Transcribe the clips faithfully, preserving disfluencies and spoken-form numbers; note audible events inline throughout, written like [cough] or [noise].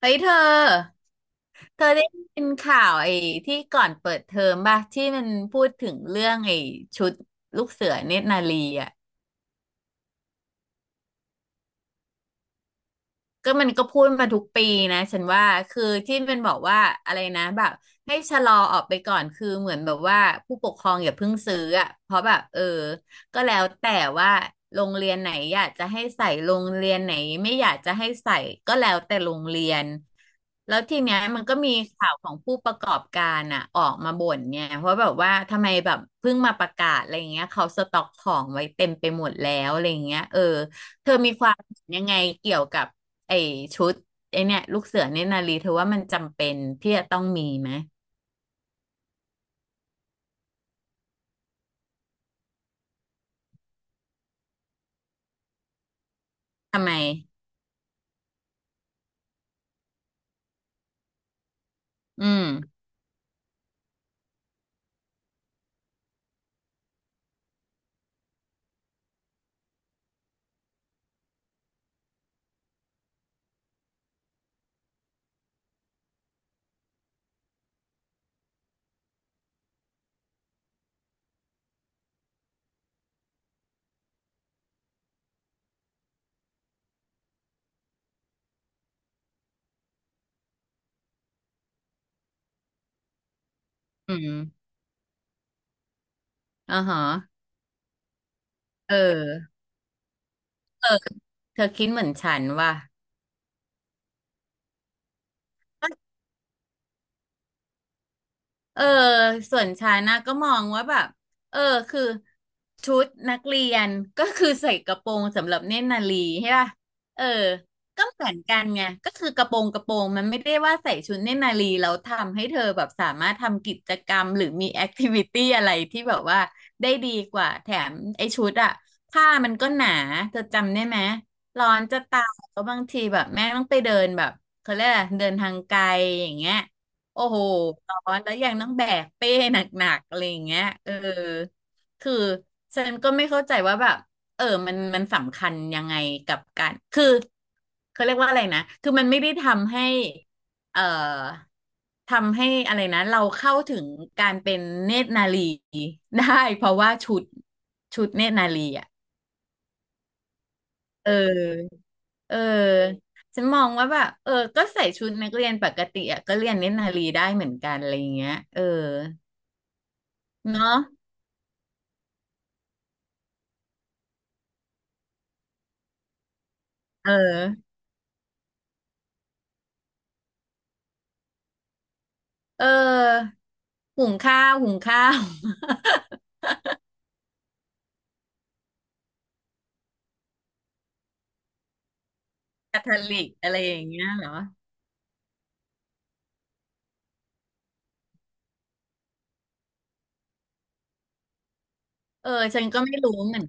เฮ้ยเธอ เธอได้ยินข่าวไอ้ที่ก่อนเปิดเทอมป่ะที่มันพูดถึงเรื่องไอ้ชุดลูกเสือเนตรนารีอ่ะ ก็มันก็พูดมาทุกปีนะฉันว่าคือที่มันบอกว่าอะไรนะแบบให้ชะลอออกไปก่อนคือเหมือนแบบว่าผู้ปกครองอย่าเพิ่งซื้ออ่ะเพราะแบบเออก็แล้วแต่ว่าโรงเรียนไหนอยากจะให้ใส่โรงเรียนไหนไม่อยากจะให้ใส่ก็แล้วแต่โรงเรียนแล้วทีเนี้ยมันก็มีข่าวของผู้ประกอบการอ่ะออกมาบ่นเนี่ยเพราะแบบว่าทำไมแบบเพิ่งมาประกาศอะไรอย่างเงี้ยเขาสต็อกของไว้เต็มไปหมดแล้วอะไรอย่างเงี้ยเออเธอมีความเห็นยังไงเกี่ยวกับ ไอชุดไอเนี่ยลูกเสือเนตยนารีเธอว่ามันจำเป็นที่จะต้องมีไหมทำไมอืมอืมอ๋อฮะเออเออเธอคิดเหมือนฉันว่ะ เออส่วนฉันนะก็มองว่าแบบเออคือชุดนักเรียนก็คือใส่กระโปรงสำหรับเน่นนารีใช่ป่ะเออก็เหมือนกันไงก็คือกระโปรงกระโปรงมันไม่ได้ว่าใส่ชุดเน่นนารีแล้วทำให้เธอแบบสามารถทำกิจกรรมหรือมีแอคทิวิตี้อะไรที่แบบว่าได้ดีกว่าแถมไอ้ชุดอะผ้ามันก็หนาเธอจำได้ไหมร้อนจะตายแล้วบางทีแบบแม่ต้องไปเดินแบบเขาเรียกอะไรเดินทางไกลอย่างเงี้ย โอ้โหร้อนแล้วยังต้องแบกเป้หนักๆอะไรอย่างเงี้ยเออคือฉันก็ไม่เข้าใจว่าแบบเออมันมันสำคัญยังไงกับการคือเขาเรียกว่าอะไรนะคือมันไม่ได้ทำให้เอ่อทำให้อะไรนะเราเข้าถึงการเป็นเนตรนารี [laughs] ได้เพราะว่าชุดชุดเนตรนารีอ่ะเออเออฉันมองว่าแบบเออก็ใส่ชุดนักเรียนปกติอ่ะก็เรียนเน้นนารีได้เหมือนกันอะไรอย่างเงี้ยเออ เนาะเออเออ หุงข้าว หุงข้าว [laughs] คาทอลิกอะไรอย่างเงี้ยเหรอ เออ ฉันก็ไม่รู้เหมือนกัน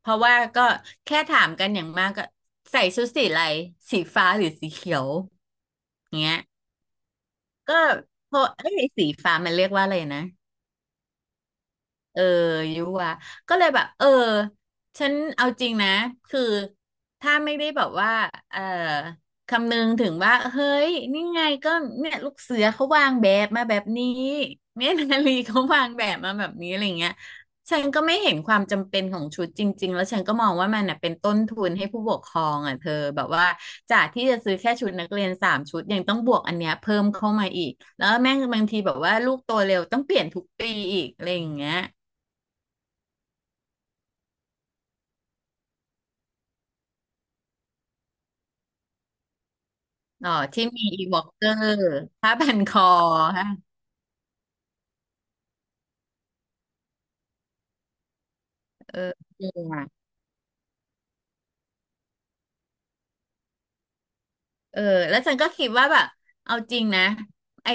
เพราะว่าก็แค่ถามกันอย่างมากก็ใส่ชุดสีอะไรสีฟ้าหรือสีเขียวเงี้ย ก็พอเอ้ยสีฟ้ามันเรียกว่าอะไรนะ เออยุวะก็เลยแบบเออฉันเอาจริงนะคือถ้าไม่ได้แบบว่าเออคำนึงถึงว่าเฮ้ยนี่ไงก็เนี่ยลูกเสือเขาวางแบบมาแบบนี้เมียนาลีเขาวางแบบมาแบบนี้อะไรเงี้ยฉันก็ไม่เห็นความจำเป็นของชุดจริงๆแล้วฉันก็มองว่ามันน่ะเป็นต้นทุนให้ผู้ปกครองอ่ะเธอแบบว่าจากที่จะซื้อแค่ชุดนักเรียนสามชุดยังต้องบวกอันเนี้ยเพิ่มเข้ามาอีกแล้วแม่งบางทีแบบว่าลูกโตเร็วต้องเปลี่ยนทุกปีอีกอะไรอย่างเงี้ย อ๋อที่มีอีวอ เค เกอร์ผ้าพันคอฮะเออเออ เออแล้วฉันก็คิดว่าแบบเอาจริงนะไอ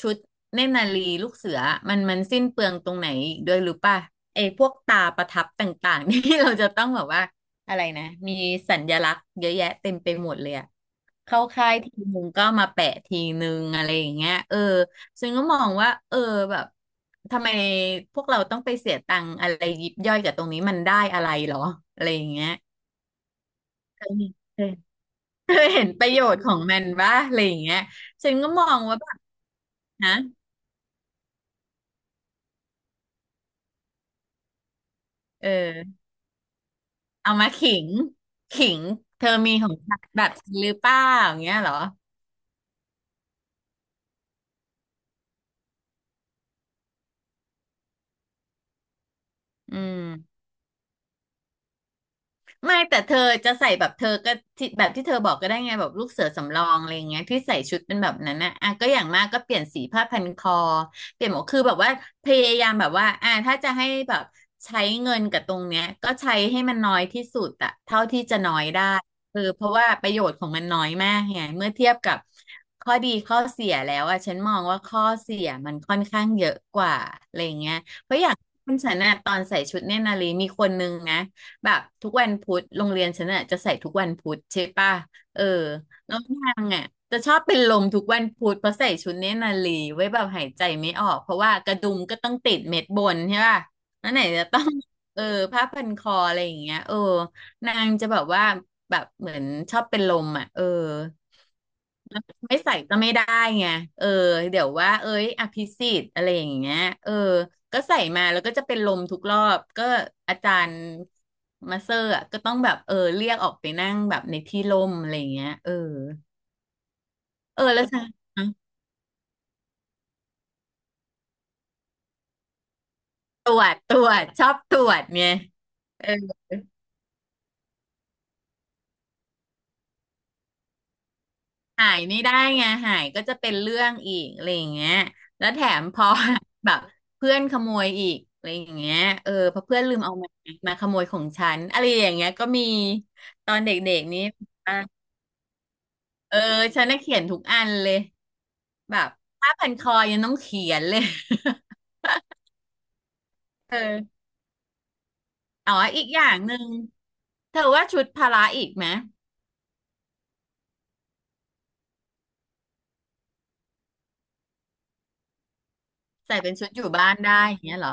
ชุดเนตรนารีลูกเสือมันมันสิ้นเปลืองตรงไหนอีกด้วยหรือป่ะไอพวกตาประทับต่างๆ [laughs] ที่เราจะต้องแบบว่าอะไรนะมีสัญลักษณ์เยอะแยะเต็มไปหมดเลยอะเข้าค่ายทีนึงก็มาแปะทีนึงอะไรอย่างเงี้ยเออซึ่งก็มองว่าเออแบบทำไมพวกเราต้องไปเสียตังค์อะไรยิบย่อยกับตรงนี้มันได้อะไรหรออะไรอย่างเงี้ยเคยมี เธอเห็นประโยชน์ของมันบ้าอะไรอย่างเงี้ยฉันก็มองว่าแบบนะเออเอามาขิงขิงเธอมีของฉันแบบฉันหรือเปล่าอย่างเงี้ยเหรออืม ไม่แต่เธอจะใส่แบบเธอก็ที่แบบที่เธอบอกก็ได้ไงแบบลูกเสือสำรองอะไรอย่างเงี้ยที่ใส่ชุดเป็นแบบนั้นนะอ่ะก็อย่างมากก็เปลี่ยนสีผ้าพันคอเปลี่ยนหมวกคือแบบว่าพยายามแบบว่าอ่ะถ้าจะให้แบบใช้เงินกับตรงเนี้ยก็ใช้ให้มันน้อยที่สุดอะเท่าที่จะน้อยได้คือเพราะว่าประโยชน์ของมันน้อยมากไงเมื่อเทียบกับข้อดีข้อเสียแล้วอะฉันมองว่าข้อเสียมันค่อนข้างเยอะกว่าอะไรอย่างเงี้ยเพราะอย่างคุณฉันน่ะตอนใส่ชุดเนตรนารีมีคนนึงนะ แบบทุกวันพุธโรงเรียนฉันอ่ะจะใส่ทุกวันพุธใช่ป่ะเออแล้วนางอ่ะจะชอบเป็นลมทุกวันพุธเพราะใส่ชุดเนตรนารีไว้แบบหายใจไม่ออกเพราะว่ากระดุมก็ต้องติดเม็ดบนใช่ป่ะแล้วไหนจะต้อง [laughs] เออผ้าพันคออะไรอย่างเงี้ยเออนางจะแบบว่าแบบเหมือนชอบเป็นลมอ่ะเออไม่ใส่ก็ไม่ได้ไงเออเดี๋ยวว่าเอ้ยอภิสิทธิ์อะไรอย่างเงี้ยเออ ก็ใส่มาแล้วก็จะเป็นลมทุกรอบก็อาจารย์มาเซอร์อะก็ต้องแบบเออเรียกออกไปนั่งแบบในที่ร่มอะไรอย่างเงี้ยเออเออแล้วฉันตรวจตรวจชอบตรวจไงเออหายไม่ได้ไงหายก็จะเป็นเรื่องอีกอะไรอย่างเงี้ยแล้วแถมพอ [laughs] แบบเพื่อนขโมยอีกอะไรอย่างเงี้ยเออเพอเพื่อนลืมเอามามาขโมยของฉันอะไรอย่างเงี้ยก็มีตอนเด็กๆนี้เออฉันน่ะเขียนทุกอันเลย แบบผ้าพันคอยังต้องเขียนเลย [laughs] เอออ๋ออีกอย่างหนึ่งเธอว่าชุดพละอีกไหมใส่เป็นชุดอยู่บ้านได้อย่างเงี้ยเหรอ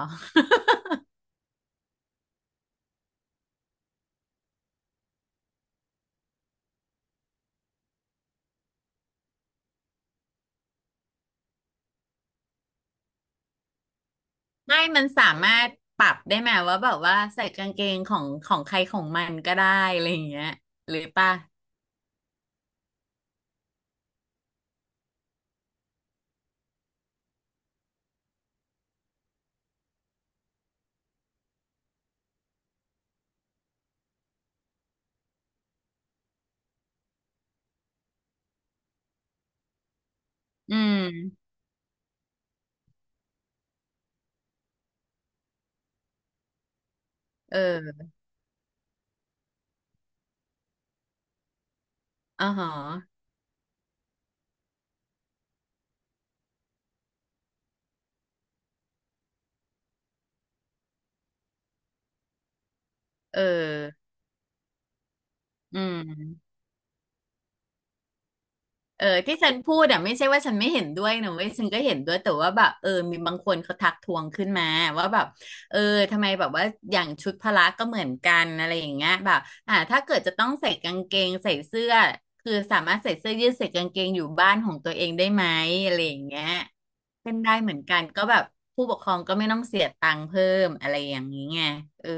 ไม่มันสามารถปรับได้ไหมว่าแบบว่าใส่กางเกงของของใครของมันก็ได้อะไรอย่างเงี้ยหรือป่ะอืมเอออ๋อหอเอออืม เออที่ฉันพูดอ่ะไม่ใช่ว่าฉันไม่เห็นด้วยนะเว้ยฉันก็เห็นด้วยแต่ว่าแบบเออมีบางคนเขาทักท้วงขึ้นมาว่าแบบเออทำไมแบบว่าอย่างชุดพละก็เหมือนกันอะไรอย่างเงี้ยแบบอ่าถ้าเกิดจะต้องใส่กางเกงใส่เสื้อคือสามารถใส่เสื้อยืดใส่กางเกงอยู่บ้านของตัวเองได้ไหมอะไรอย่างเงี้ยเป็นได้เหมือนกันก็แบบผู้ปกครองก็ไม่ต้องเสียตังค์เพิ่มอะไรอย่างนี้ไงเออ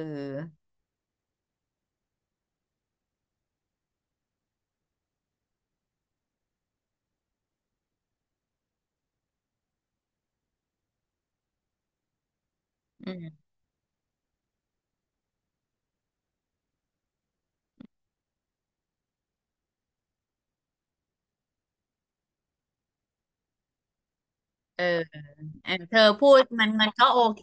อืมเออ เออเธอพูดมันมันก็โอเค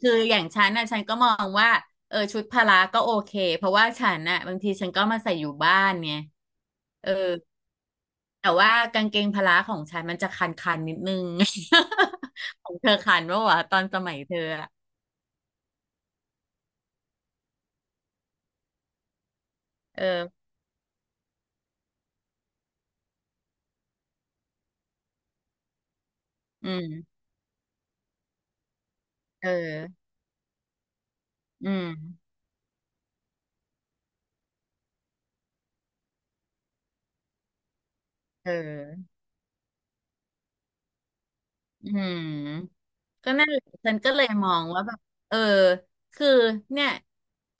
คืออย่างฉันน่ะฉันก็มองว่าเออชุดพละก็โอเคเพราะว่าฉันน่ะบางทีฉันก็มาใส่อยู่บ้านไงเออแต่ว่ากางเกงพละของฉันมันจะคันคันนิดนึง [laughs] ของเธอคันปะวะตอนสมัยเธออะเอออืมเอออืมเอออืม ก็นั่นแหละฉันก็เลยมองว่าแบบเออคือเนี่ย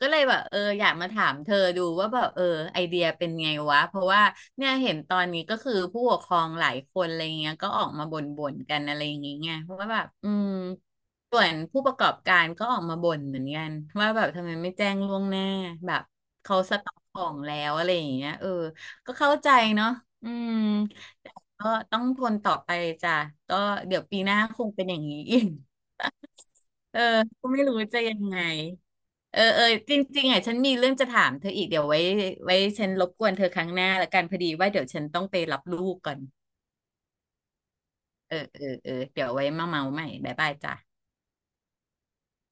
ก็เลยแบบเอออยากมาถามเธอดูว่าแบบเออไอเดียเป็นไงวะเพราะว่าเนี่ยเห็นตอนนี้ก็คือผู้ปกครองหลายคนอะไรเงี้ยก็ออกมาบ่นๆกันอะไรอย่างเงี้ยไงเพราะว่าแบบอืมส่วนผู้ประกอบการก็ออกมาบ่นเหมือนกันว่าแบบทำไมไม่แจ้งล่วงหน้าแบบเขาสต็อกของแล้วอะไรอย่างเงี้ยเออก็เข้าใจเนาะอืมก็ต้องทนต่อไปจ้ะก็เดี๋ยวปีหน้าคงเป็นอย่างนี้อีก เออก็ไม่รู้จะยังไงเออเออจริงๆอ่ะฉันมีเรื่องจะถามเธออีกเดี๋ยวไว้ไว้ฉันรบกวนเธอครั้งหน้าละกันพอดีว่าเดี๋ยวฉันต้องไปรับลูกก่อนเออเออเออเดี๋ยวไว้มาเมาใหม่บ๊ายบายจ้ะ